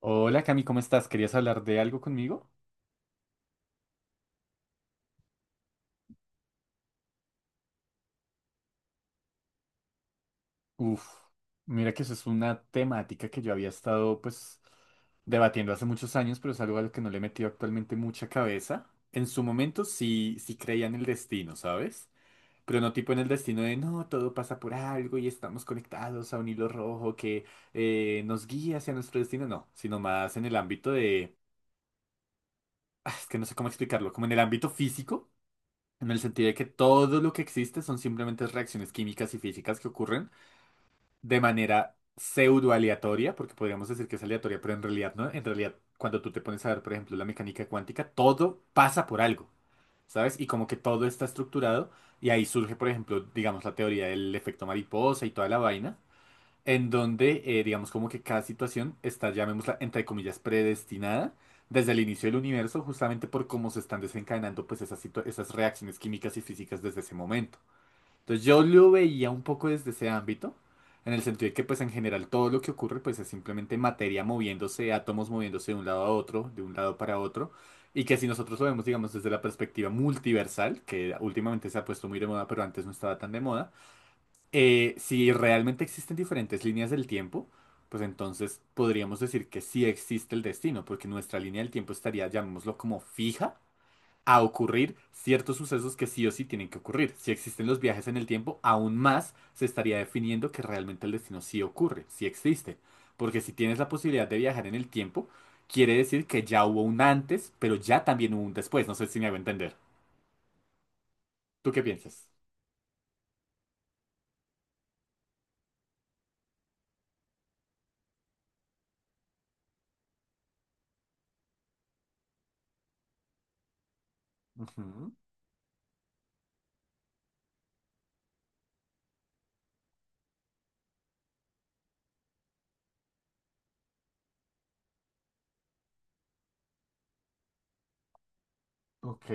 Hola Cami, ¿cómo estás? ¿Querías hablar de algo conmigo? Uf, mira que eso es una temática que yo había estado pues debatiendo hace muchos años, pero es algo a lo que no le he metido actualmente mucha cabeza. En su momento sí, sí creía en el destino, ¿sabes? Pero no tipo en el destino de no, todo pasa por algo y estamos conectados a un hilo rojo que nos guía hacia nuestro destino, no, sino más en el ámbito de... Ah, es que no sé cómo explicarlo, como en el ámbito físico. En el sentido de que todo lo que existe son simplemente reacciones químicas y físicas que ocurren de manera pseudo aleatoria, porque podríamos decir que es aleatoria, pero en realidad no. En realidad, cuando tú te pones a ver, por ejemplo, la mecánica cuántica, todo pasa por algo, ¿sabes? Y como que todo está estructurado y ahí surge, por ejemplo, digamos, la teoría del efecto mariposa y toda la vaina en donde, digamos, como que cada situación está, llamémosla, entre comillas, predestinada desde el inicio del universo, justamente por cómo se están desencadenando, pues, esas, esas reacciones químicas y físicas desde ese momento. Entonces, yo lo veía un poco desde ese ámbito, en el sentido de que, pues, en general, todo lo que ocurre, pues, es simplemente materia moviéndose, átomos moviéndose de un lado a otro, de un lado para otro. Y que si nosotros lo vemos, digamos, desde la perspectiva multiversal, que últimamente se ha puesto muy de moda, pero antes no estaba tan de moda, si realmente existen diferentes líneas del tiempo, pues entonces podríamos decir que sí existe el destino, porque nuestra línea del tiempo estaría, llamémoslo como fija, a ocurrir ciertos sucesos que sí o sí tienen que ocurrir. Si existen los viajes en el tiempo, aún más se estaría definiendo que realmente el destino sí ocurre, sí existe. Porque si tienes la posibilidad de viajar en el tiempo, quiere decir que ya hubo un antes, pero ya también hubo un después. No sé si me hago entender. ¿Tú qué piensas? Ujú. Ok.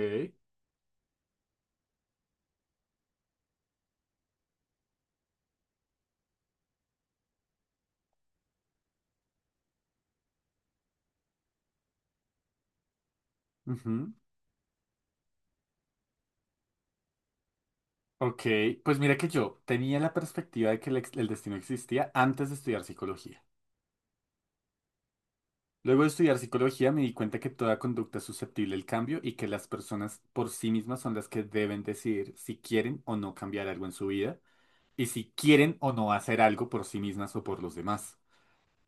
Ujú. Ok, pues mira que yo tenía la perspectiva de que el destino existía antes de estudiar psicología. Luego de estudiar psicología me di cuenta que toda conducta es susceptible al cambio y que las personas por sí mismas son las que deben decidir si quieren o no cambiar algo en su vida y si quieren o no hacer algo por sí mismas o por los demás.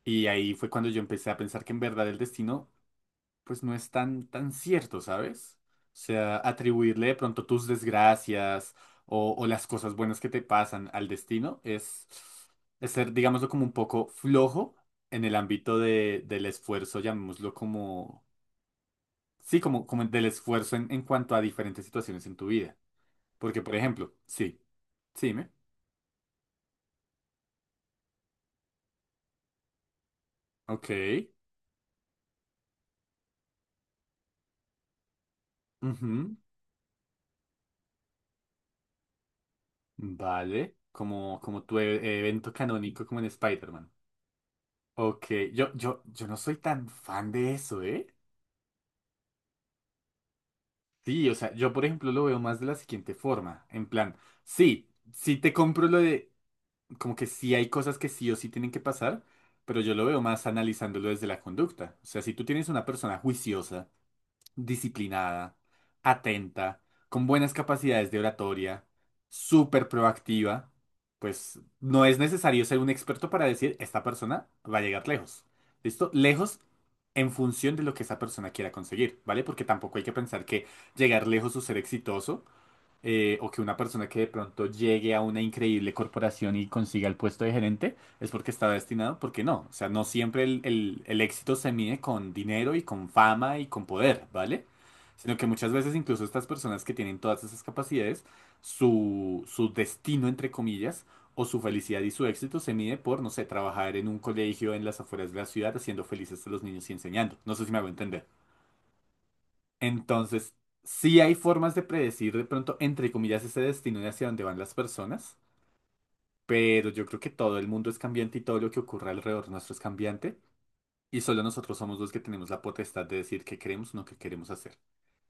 Y ahí fue cuando yo empecé a pensar que en verdad el destino pues no es tan, tan cierto, ¿sabes? O sea, atribuirle de pronto tus desgracias o, las cosas buenas que te pasan al destino es ser, digámoslo, como un poco flojo en el ámbito de, del esfuerzo, llamémoslo como, sí, como, como del esfuerzo en cuanto a diferentes situaciones en tu vida. Porque, por ejemplo, sí, sí, dime. Ok, ujú, vale, como, como tu evento canónico como en Spider-Man. Ok, yo no soy tan fan de eso, ¿eh? Sí, o sea, yo por ejemplo lo veo más de la siguiente forma, en plan, sí, sí te compro lo de, como que sí hay cosas que sí o sí tienen que pasar, pero yo lo veo más analizándolo desde la conducta. O sea, si tú tienes una persona juiciosa, disciplinada, atenta, con buenas capacidades de oratoria, súper proactiva, pues no es necesario ser un experto para decir esta persona va a llegar lejos. ¿Listo? Lejos en función de lo que esa persona quiera conseguir, ¿vale? Porque tampoco hay que pensar que llegar lejos o ser exitoso, o que una persona que de pronto llegue a una increíble corporación y consiga el puesto de gerente, es porque está destinado, porque no. O sea, no siempre el éxito se mide con dinero y con fama y con poder, ¿vale? Sino que muchas veces incluso estas personas que tienen todas esas capacidades, su destino, entre comillas, o su felicidad y su éxito se mide por, no sé, trabajar en un colegio en las afueras de la ciudad haciendo felices a los niños y enseñando. No sé si me hago entender. Entonces, sí hay formas de predecir de pronto, entre comillas, ese destino de hacia dónde van las personas, pero yo creo que todo el mundo es cambiante y todo lo que ocurre alrededor nuestro es cambiante y solo nosotros somos los que tenemos la potestad de decir qué queremos o no qué queremos hacer.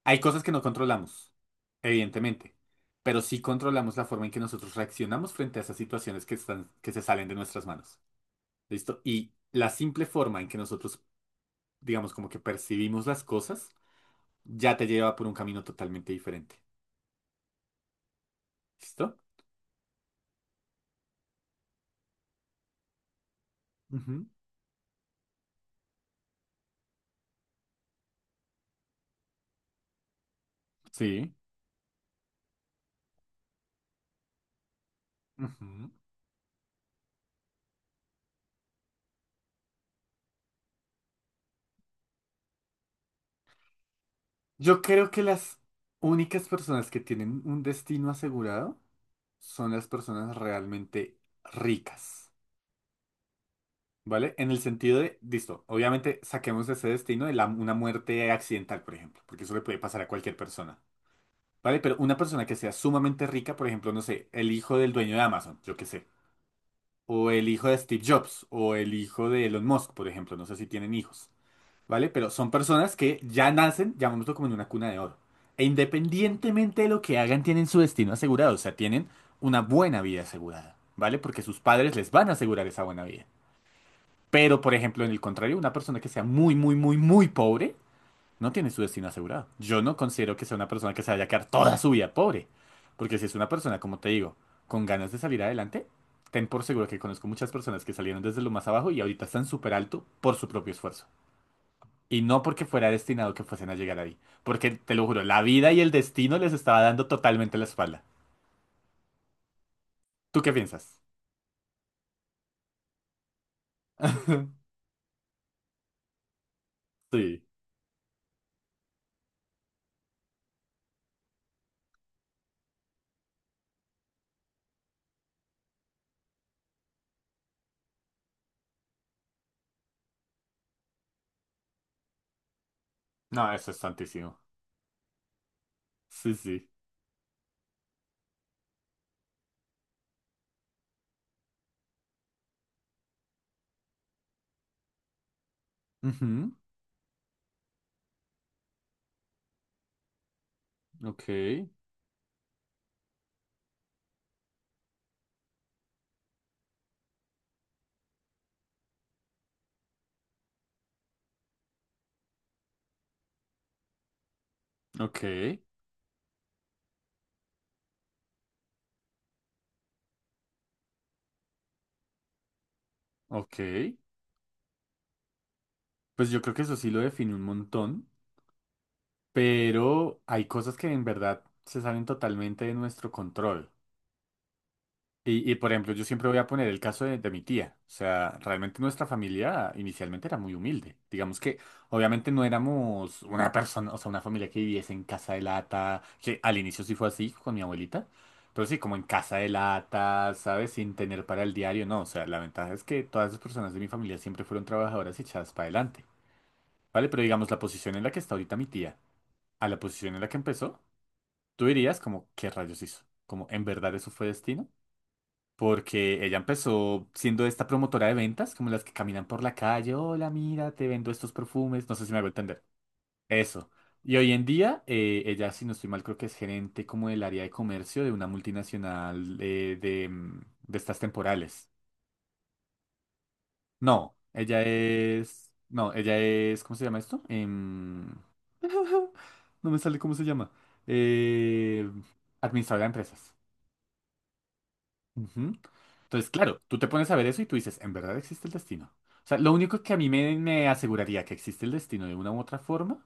Hay cosas que no controlamos, evidentemente, pero sí controlamos la forma en que nosotros reaccionamos frente a esas situaciones que están, que se salen de nuestras manos. ¿Listo? Y la simple forma en que nosotros, digamos, como que percibimos las cosas, ya te lleva por un camino totalmente diferente. ¿Listo? Ujú. Sí. Ujú. Yo creo que las únicas personas que tienen un destino asegurado son las personas realmente ricas, ¿vale? En el sentido de, listo, obviamente saquemos ese destino de una muerte accidental, por ejemplo, porque eso le puede pasar a cualquier persona, ¿vale? Pero una persona que sea sumamente rica, por ejemplo, no sé, el hijo del dueño de Amazon, yo qué sé, o el hijo de Steve Jobs, o el hijo de Elon Musk, por ejemplo, no sé si tienen hijos. ¿Vale? Pero son personas que ya nacen, llamémoslo como en una cuna de oro. E independientemente de lo que hagan, tienen su destino asegurado, o sea, tienen una buena vida asegurada, ¿vale? Porque sus padres les van a asegurar esa buena vida. Pero, por ejemplo, en el contrario, una persona que sea muy, muy, muy, muy pobre, no tiene su destino asegurado. Yo no considero que sea una persona que se vaya a quedar toda su vida pobre. Porque si es una persona, como te digo, con ganas de salir adelante, ten por seguro que conozco muchas personas que salieron desde lo más abajo y ahorita están súper alto por su propio esfuerzo. Y no porque fuera destinado que fuesen a llegar ahí. Porque, te lo juro, la vida y el destino les estaba dando totalmente la espalda. ¿Tú qué piensas? Sí. No, eso es santísimo. Sí, sí. Ujú. Ok, ok, ok. Pues yo creo que eso sí lo define un montón, pero hay cosas que en verdad se salen totalmente de nuestro control. Y, por ejemplo, yo siempre voy a poner el caso de mi tía. O sea, realmente nuestra familia inicialmente era muy humilde. Digamos que obviamente no éramos una persona, o sea, una familia que viviese en casa de lata, que al inicio sí fue así con mi abuelita, pero sí, como en casa de lata, ¿sabes? Sin tener para el diario, no. O sea, la ventaja es que todas las personas de mi familia siempre fueron trabajadoras y echadas para adelante. ¿Vale? Pero digamos, la posición en la que está ahorita mi tía, a la posición en la que empezó, tú dirías como, ¿qué rayos hizo? Como, ¿en verdad eso fue destino? Porque ella empezó siendo esta promotora de ventas, como las que caminan por la calle, hola, mira, te vendo estos perfumes, no sé si me hago entender. Eso. Y hoy en día, ella, si no estoy mal, creo que es gerente como del área de comercio de una multinacional, de, de estas temporales. No, ella es... No, ella es... ¿Cómo se llama esto? Em, no me sale cómo se llama. Eh, Administradora de empresas. Ujú. Entonces, claro, tú te pones a ver eso y tú dices, ¿en verdad existe el destino? O sea, lo único que a mí me aseguraría que existe el destino de una u otra forma,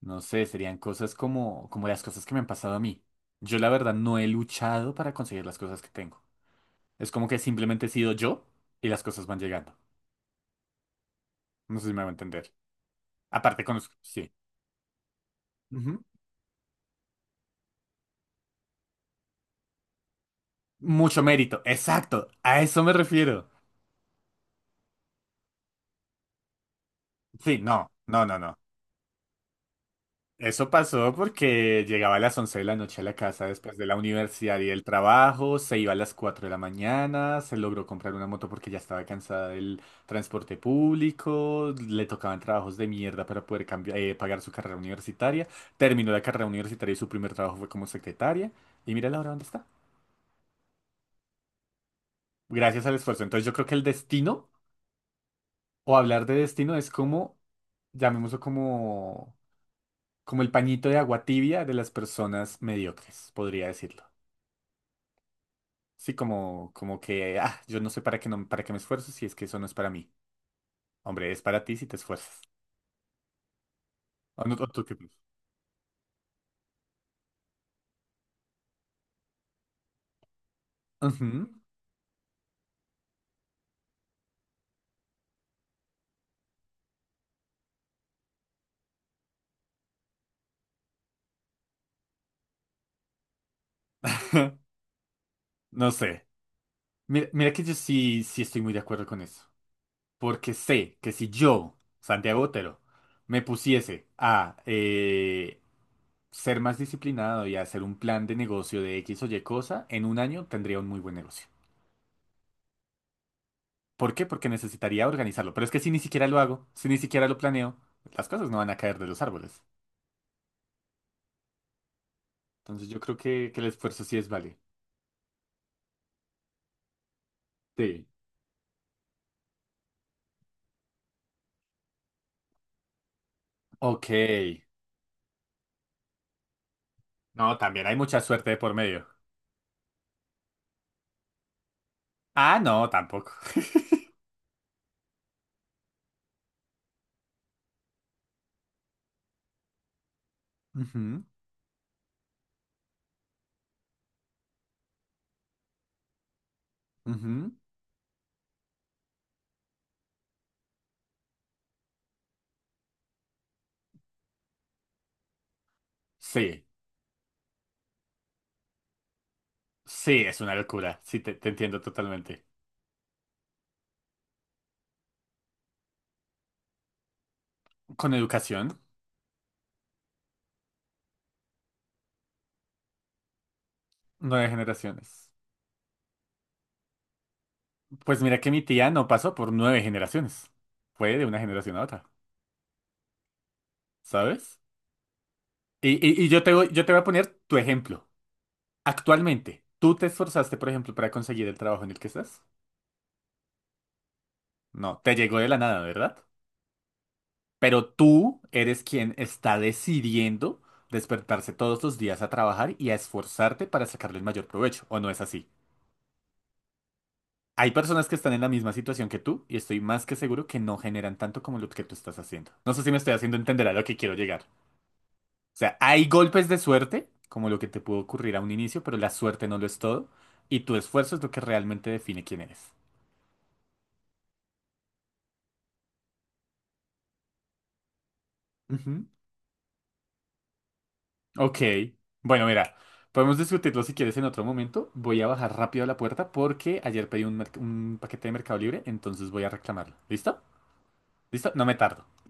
no sé, serían cosas como, como las cosas que me han pasado a mí. Yo la verdad no he luchado para conseguir las cosas que tengo. Es como que simplemente he sido yo y las cosas van llegando. No sé si me va a entender. Aparte con... Sí. Ujú. Mucho mérito. Exacto. A eso me refiero. Sí, no, no, no, no. Eso pasó porque llegaba a las 11 de la noche a la casa después de la universidad y del trabajo, se iba a las 4 de la mañana, se logró comprar una moto porque ya estaba cansada del transporte público, le tocaban trabajos de mierda para poder cambiar, pagar su carrera universitaria, terminó la carrera universitaria y su primer trabajo fue como secretaria y mira la hora dónde está. Gracias al esfuerzo. Entonces yo creo que el destino o hablar de destino es como, llamémoslo como, como el pañito de agua tibia de las personas mediocres, podría decirlo. Sí, como, como que, ah, yo no sé para qué, no, para qué me esfuerzo si es que eso no es para mí. Hombre, es para ti si te esfuerzas. ¿O no, o tú qué piensas? Ujú. No sé. Mira, mira que yo sí, sí estoy muy de acuerdo con eso. Porque sé que si yo, Santiago Otero, me pusiese a ser más disciplinado y a hacer un plan de negocio de X o Y cosa, en un año tendría un muy buen negocio. ¿Por qué? Porque necesitaría organizarlo. Pero es que si ni siquiera lo hago, si ni siquiera lo planeo, las cosas no van a caer de los árboles. Entonces yo creo que el esfuerzo sí es válido. Sí. Ok. No, también hay mucha suerte de por medio. Ah, no, tampoco. Ujú, ujú. Sí, sí, es una locura. Sí, te entiendo totalmente. Con educación, 9 generaciones. Pues mira que mi tía no pasó por 9 generaciones. Fue de una generación a otra, ¿sabes? Y yo te voy a poner tu ejemplo. Actualmente, ¿tú te esforzaste, por ejemplo, para conseguir el trabajo en el que estás? No, te llegó de la nada, ¿verdad? Pero tú eres quien está decidiendo despertarse todos los días a trabajar y a esforzarte para sacarle el mayor provecho, ¿o no es así? Hay personas que están en la misma situación que tú y estoy más que seguro que no generan tanto como lo que tú estás haciendo. No sé si me estoy haciendo entender a lo que quiero llegar. O sea, hay golpes de suerte, como lo que te pudo ocurrir a un inicio, pero la suerte no lo es todo y tu esfuerzo es lo que realmente define quién eres. Ujú. Ok. Bueno, mira, podemos discutirlo si quieres en otro momento. Voy a bajar rápido a la puerta porque ayer pedí un, un paquete de Mercado Libre, entonces voy a reclamarlo. ¿Listo? ¿Listo? No me tardo.